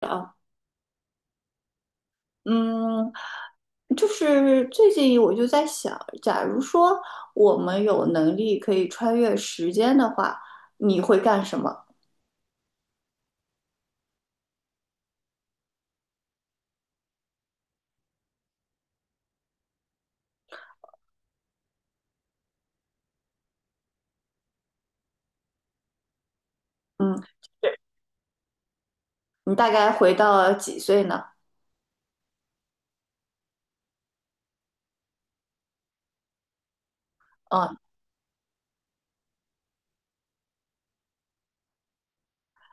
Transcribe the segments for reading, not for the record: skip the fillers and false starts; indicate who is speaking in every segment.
Speaker 1: 啊，嗯，就是最近我就在想，假如说我们有能力可以穿越时间的话，你会干什么？嗯，你大概回到几岁呢？嗯，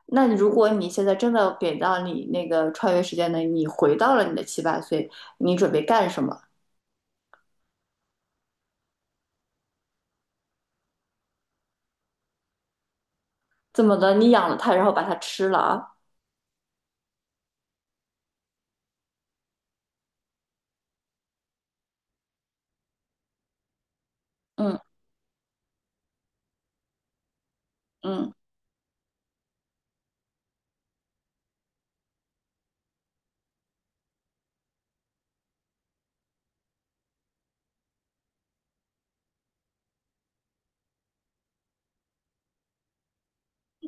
Speaker 1: 那你如果现在真的给到你那个穿越时间的，你回到了你的七八岁，你准备干什么？怎么的？你养了它，然后把它吃了啊？嗯嗯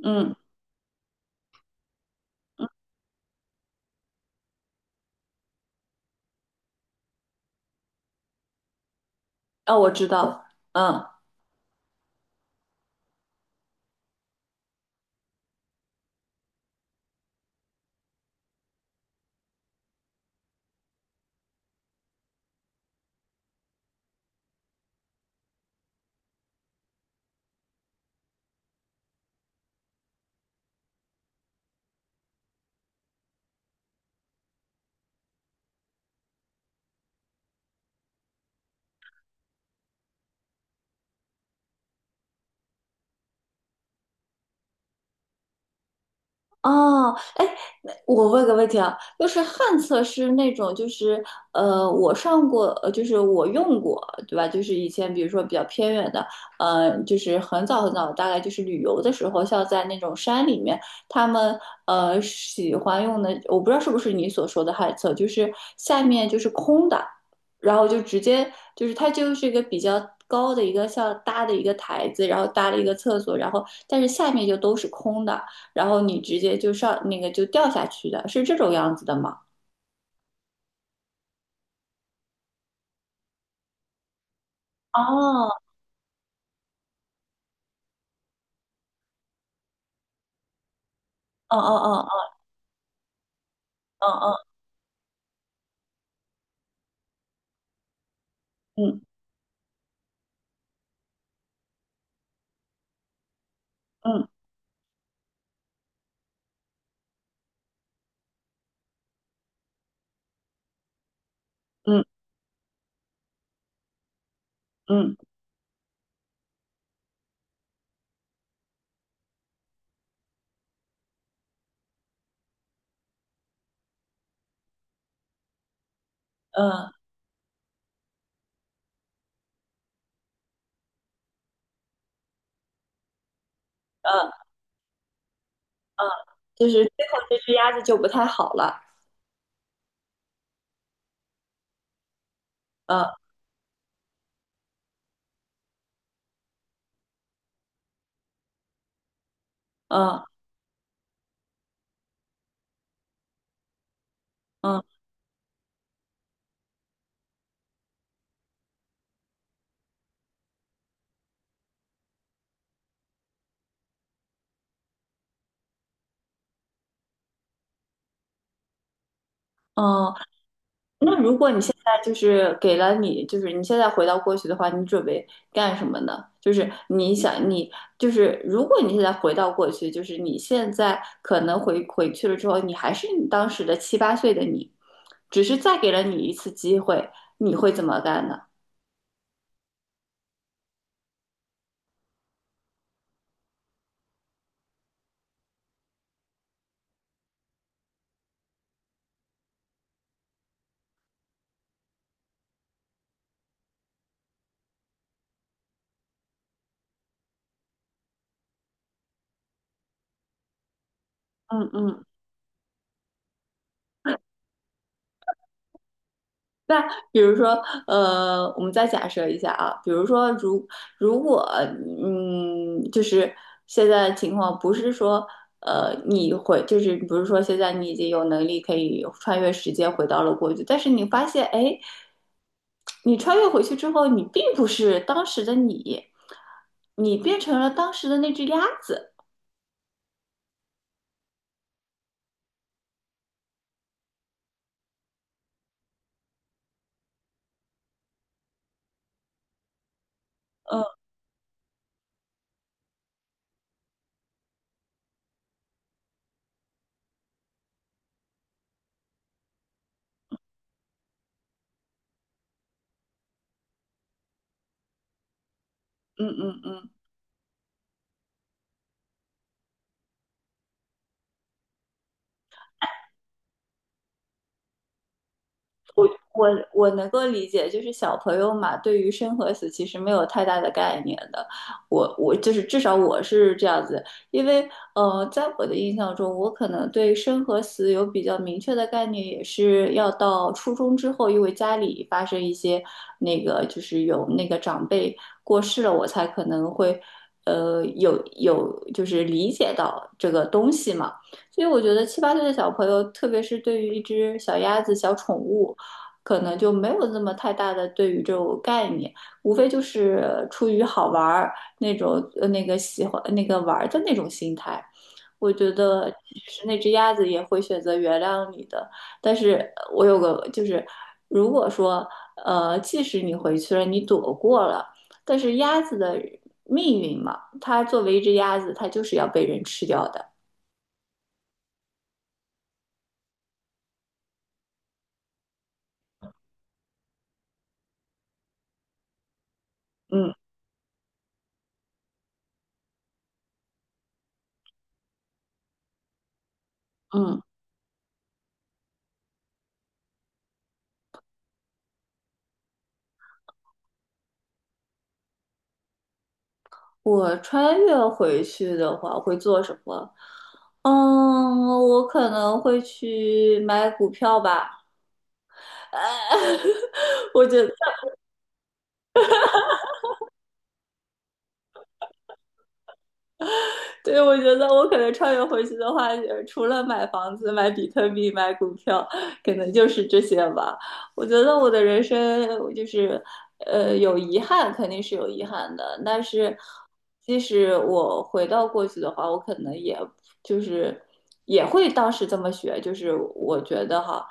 Speaker 1: 嗯，哦，我知道，嗯。哦，哎，那我问个问题啊，就是旱厕是那种，就是我上过，就是我用过，对吧？就是以前比如说比较偏远的，就是很早很早，大概就是旅游的时候，像在那种山里面，他们喜欢用的，我不知道是不是你所说的旱厕，就是下面就是空的，然后就直接就是它就是一个比较高的一个像搭的一个台子，然后搭了一个厕所，然后但是下面就都是空的。然后你直接就上那个就掉下去的，是这种样子的吗？哦，哦哦哦哦哦，嗯嗯嗯嗯嗯嗯嗯嗯，就是最后这只鸭子就不太好了，嗯嗯嗯嗯，那如果你现在就是给了你，就是你现在回到过去的话，你准备干什么呢？就是你想你就是如果你现在回到过去，就是你现在可能回去了之后，你还是你当时的七八岁的你，只是再给了你一次机会，你会怎么干呢？嗯嗯。那比如说，我们再假设一下啊，比如说如果，就是现在情况不是说，就是不是说现在你已经有能力可以穿越时间回到了过去，但是你发现，哎，你穿越回去之后，你并不是当时的你，你变成了当时的那只鸭子，嗯嗯嗯嗯。我我能够理解，就是小朋友嘛，对于生和死其实没有太大的概念的。我就是至少我是这样子，因为在我的印象中，我可能对生和死有比较明确的概念，也是要到初中之后，因为家里发生一些那个就是有那个长辈过世了，我才可能会有就是理解到这个东西嘛。所以我觉得七八岁的小朋友，特别是对于一只小鸭子、小宠物。可能就没有那么太大的对于这种概念，无非就是出于好玩儿那种那个喜欢那个玩儿的那种心态。我觉得是那只鸭子也会选择原谅你的，但是我有个就是，如果说即使你回去了，你躲过了，但是鸭子的命运嘛，它作为一只鸭子，它就是要被人吃掉的。嗯嗯，我穿越回去的话会做什么？我可能会去买股票吧。我觉得对，我觉得我可能穿越回去的话，除了买房子、买比特币、买股票，可能就是这些吧。我觉得我的人生我就是，有遗憾肯定是有遗憾的，但是即使我回到过去的话，我可能也就是也会当时这么学，就是我觉得哈。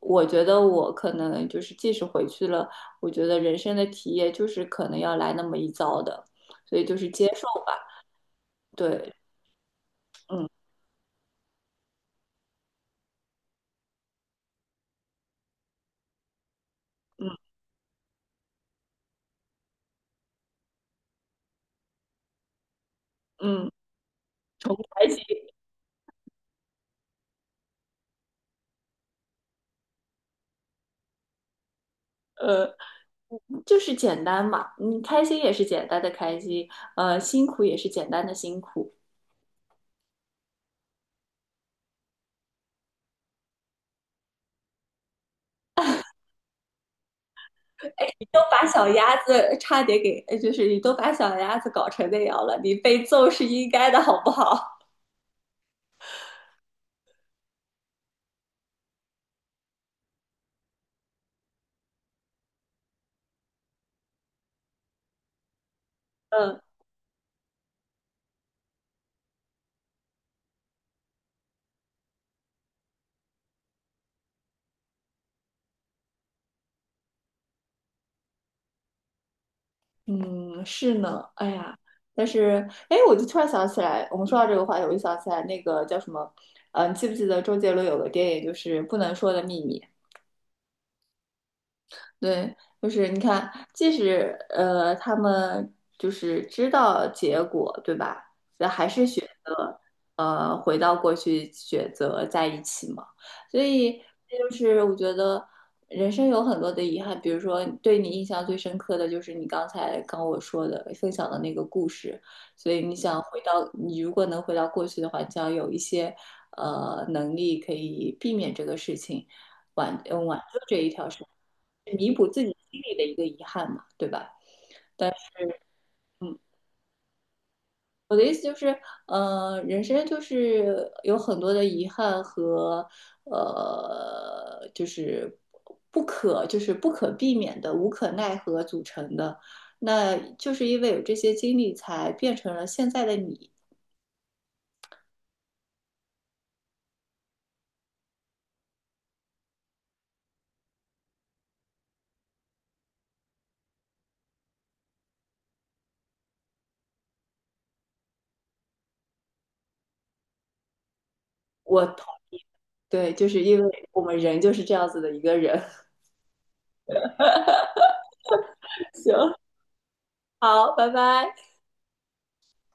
Speaker 1: 我觉得我可能就是，即使回去了，我觉得人生的体验就是可能要来那么一遭的，所以就是接受吧。对，嗯。嗯嗯，重开机，呃，就是简单嘛，你开心也是简单的开心，辛苦也是简单的辛苦。你都把小鸭子差点给，就是你都把小鸭子搞成那样了，你被揍是应该的，好不好？嗯嗯，是呢，哎呀，但是，哎，我就突然想起来，我们说到这个话题，我就想起来那个叫什么，你记不记得周杰伦有个电影就是《不能说的秘密》？对，就是你看，即使他们就是知道结果，对吧？那还是选择回到过去，选择在一起嘛。所以这就是我觉得人生有很多的遗憾，比如说对你印象最深刻的就是你刚才跟我说的分享的那个故事。所以你想回到，你如果能回到过去的话，你想有一些能力可以避免这个事情。挽救这一条是弥补自己心里的一个遗憾嘛，对吧？嗯，我的意思就是，人生就是有很多的遗憾和就是不可就是不可避免的、无可奈何组成的。那就是因为有这些经历，才变成了现在的你。我同对，就是因为我们人就是这样子的一个人。行，好，拜拜。